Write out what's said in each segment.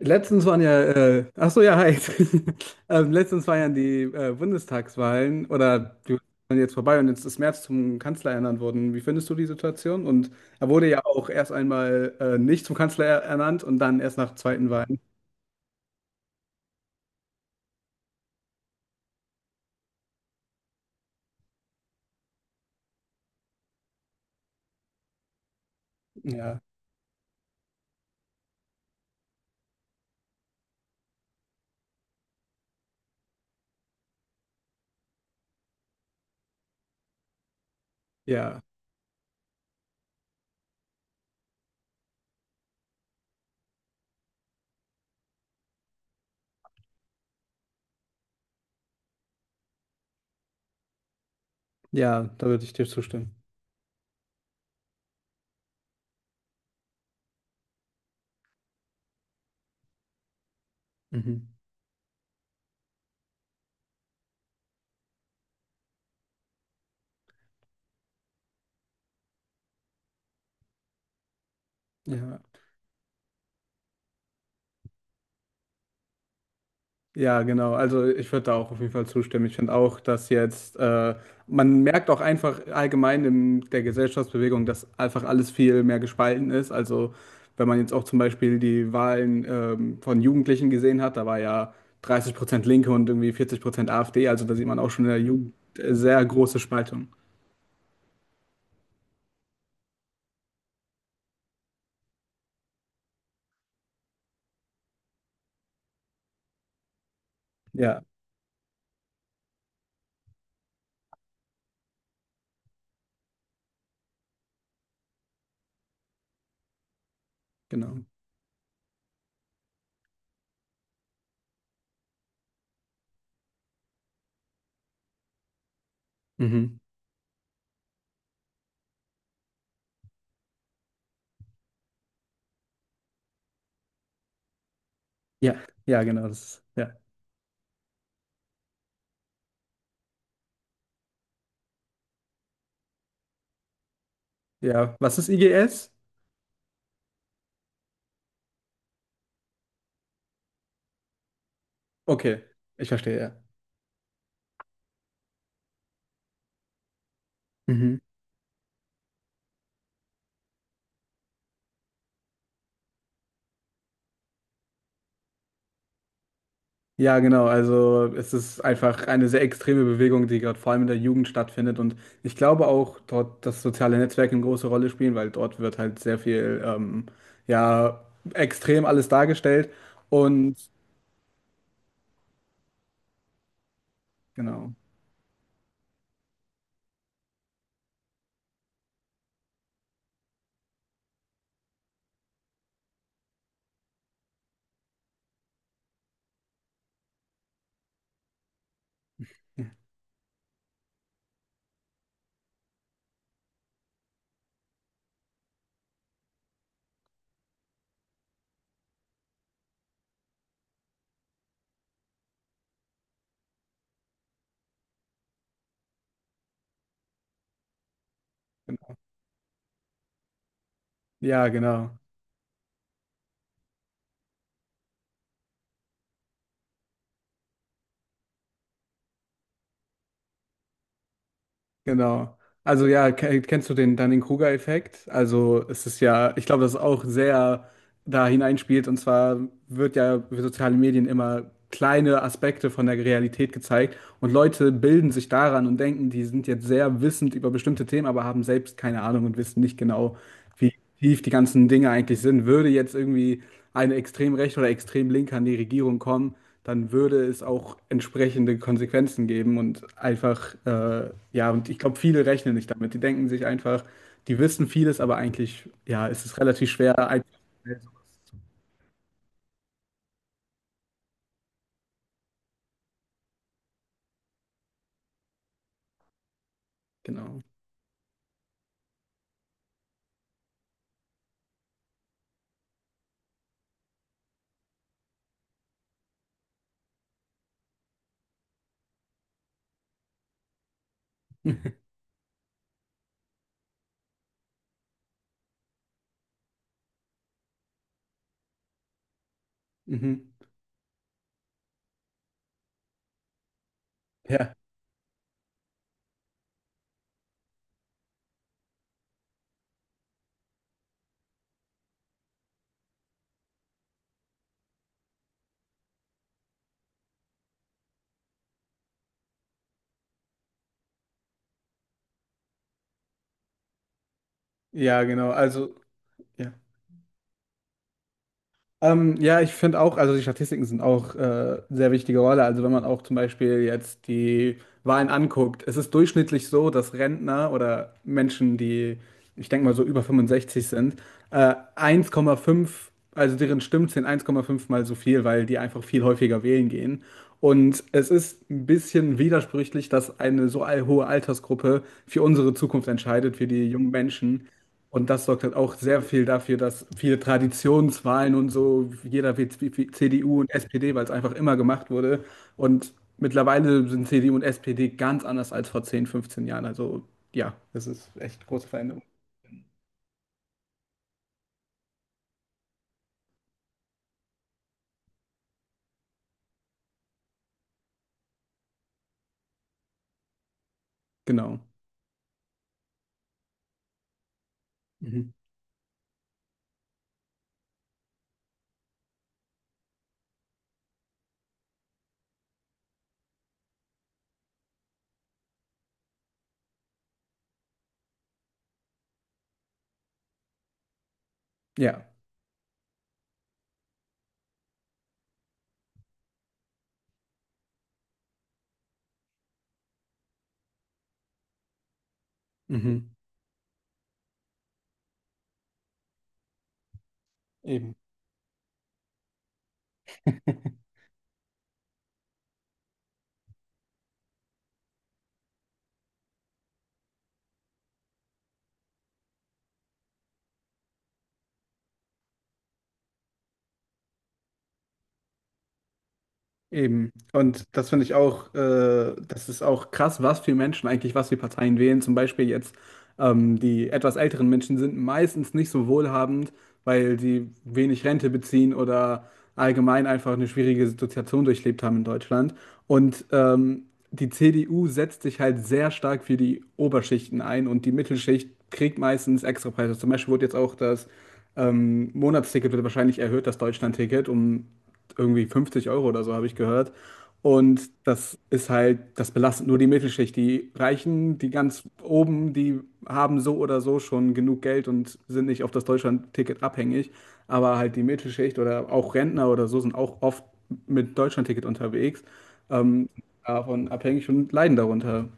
Letztens waren ja, ach so, ja, hi. Letztens waren ja die Bundestagswahlen oder die waren jetzt vorbei und jetzt ist Merz zum Kanzler ernannt worden. Wie findest du die Situation? Und er wurde ja auch erst einmal nicht zum Kanzler ernannt und dann erst nach zweiten Wahlen. Ja, ja, ja, da würde ich dir zustimmen. Mhm. Ja. Ja, genau. Also ich würde da auch auf jeden Fall zustimmen. Ich finde auch, dass jetzt, man merkt auch einfach allgemein in der Gesellschaftsbewegung, dass einfach alles viel mehr gespalten ist. Also wenn man jetzt auch zum Beispiel die Wahlen von Jugendlichen gesehen hat, da war ja 30% Linke und irgendwie 40% AfD. Also da sieht man auch schon in der Jugend sehr große Spaltung. Ja, genau. Mhm. Ja, ja, genau. Das ist, ja. Ja, was ist IGS? Okay, ich verstehe, ja. Mhm. Ja, genau. Also es ist einfach eine sehr extreme Bewegung, die gerade vor allem in der Jugend stattfindet. Und ich glaube auch dort, dass soziale Netzwerke eine große Rolle spielen, weil dort wird halt sehr viel, ja, extrem alles dargestellt. Und genau. Ja, genau, genau. Also ja, kennst du den Dunning-Kruger-Effekt? Also es ist ja, ich glaube, das ist auch sehr da hineinspielt. Und zwar wird ja über soziale Medien immer kleine Aspekte von der Realität gezeigt und Leute bilden sich daran und denken, die sind jetzt sehr wissend über bestimmte Themen, aber haben selbst keine Ahnung und wissen nicht genau, wie tief die ganzen Dinge eigentlich sind. Würde jetzt irgendwie eine extrem rechte oder extrem linke an die Regierung kommen, dann würde es auch entsprechende Konsequenzen geben und einfach, ja, und ich glaube, viele rechnen nicht damit. Die denken sich einfach, die wissen vieles, aber eigentlich, ja, ist es relativ schwer. Ein- Genau. Mhm. Ja, ja, genau. Also, ja. Ja, ich finde auch, also die Statistiken sind auch sehr wichtige Rolle. Also, wenn man auch zum Beispiel jetzt die Wahlen anguckt, es ist durchschnittlich so, dass Rentner oder Menschen, die, ich denke mal, so über 65 sind, 1,5, also deren Stimmen sind 1,5 mal so viel, weil die einfach viel häufiger wählen gehen. Und es ist ein bisschen widersprüchlich, dass eine so hohe Altersgruppe für unsere Zukunft entscheidet, für die jungen Menschen. Und das sorgt halt auch sehr viel dafür, dass viele Traditionswahlen und so, jeder wird CDU und SPD, weil es einfach immer gemacht wurde. Und mittlerweile sind CDU und SPD ganz anders als vor 10, 15 Jahren. Also ja, das ist echt große Veränderung. Genau. Mhm. Ja. Mhm. Eben. Eben. Und das finde ich auch, das ist auch krass, was für Menschen eigentlich, was für Parteien wählen. Zum Beispiel jetzt die etwas älteren Menschen sind meistens nicht so wohlhabend, weil sie wenig Rente beziehen oder allgemein einfach eine schwierige Situation durchlebt haben in Deutschland. Und die CDU setzt sich halt sehr stark für die Oberschichten ein und die Mittelschicht kriegt meistens extra Preise. Zum Beispiel wurde jetzt auch das Monatsticket wird wahrscheinlich erhöht, das Deutschlandticket, um irgendwie 50 € oder so, habe ich gehört. Und das ist halt, das belastet nur die Mittelschicht. Die Reichen, die ganz oben, die haben so oder so schon genug Geld und sind nicht auf das Deutschlandticket abhängig. Aber halt die Mittelschicht oder auch Rentner oder so sind auch oft mit Deutschlandticket unterwegs, ähm, davon abhängig und leiden darunter.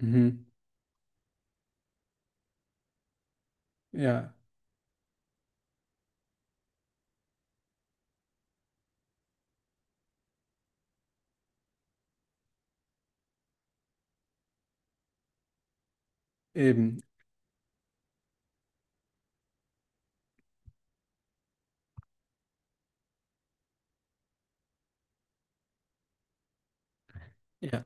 Mhm. Ja, eben. Ja.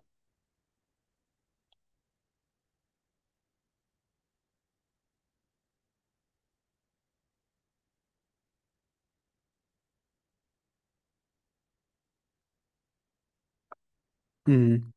Mhm.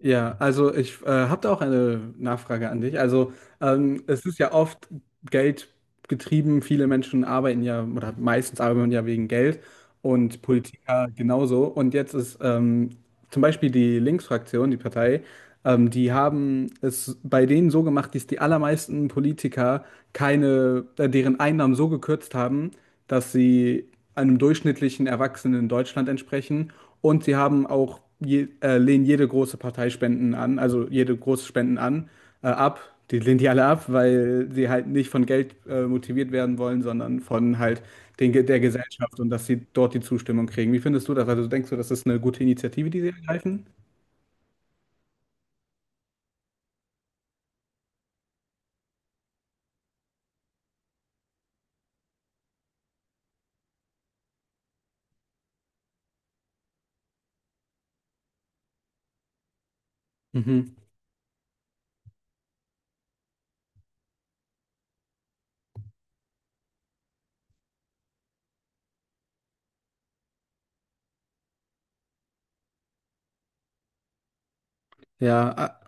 Ja, also ich habe da auch eine Nachfrage an dich. Also es ist ja oft Geld getrieben. Viele Menschen arbeiten ja oder meistens arbeiten ja wegen Geld und Politiker genauso. Und jetzt ist zum Beispiel die Linksfraktion, die Partei, die haben es bei denen so gemacht, dass die allermeisten Politiker keine, deren Einnahmen so gekürzt haben, dass sie einem durchschnittlichen Erwachsenen in Deutschland entsprechen. Und sie haben auch lehnen jede große Partei Spenden an, also jede große Spenden an, ab. Die lehnt die alle ab, weil sie halt nicht von Geld motiviert werden wollen, sondern von halt der Gesellschaft und dass sie dort die Zustimmung kriegen. Wie findest du das? Also denkst du, das ist eine gute Initiative, die sie ergreifen? Mhm. Ja, ah,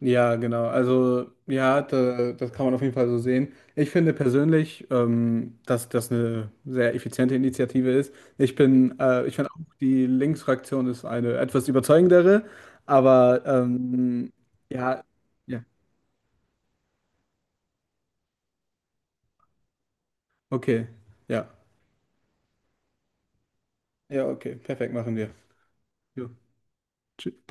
ja, genau. Also ja, da, das kann man auf jeden Fall so sehen. Ich finde persönlich, dass das eine sehr effiziente Initiative ist. Ich bin, ich finde auch, die Linksfraktion ist eine etwas überzeugendere, aber ja, ja, okay. Ja. Ja, okay, perfekt, machen wir. Jo, tschüss.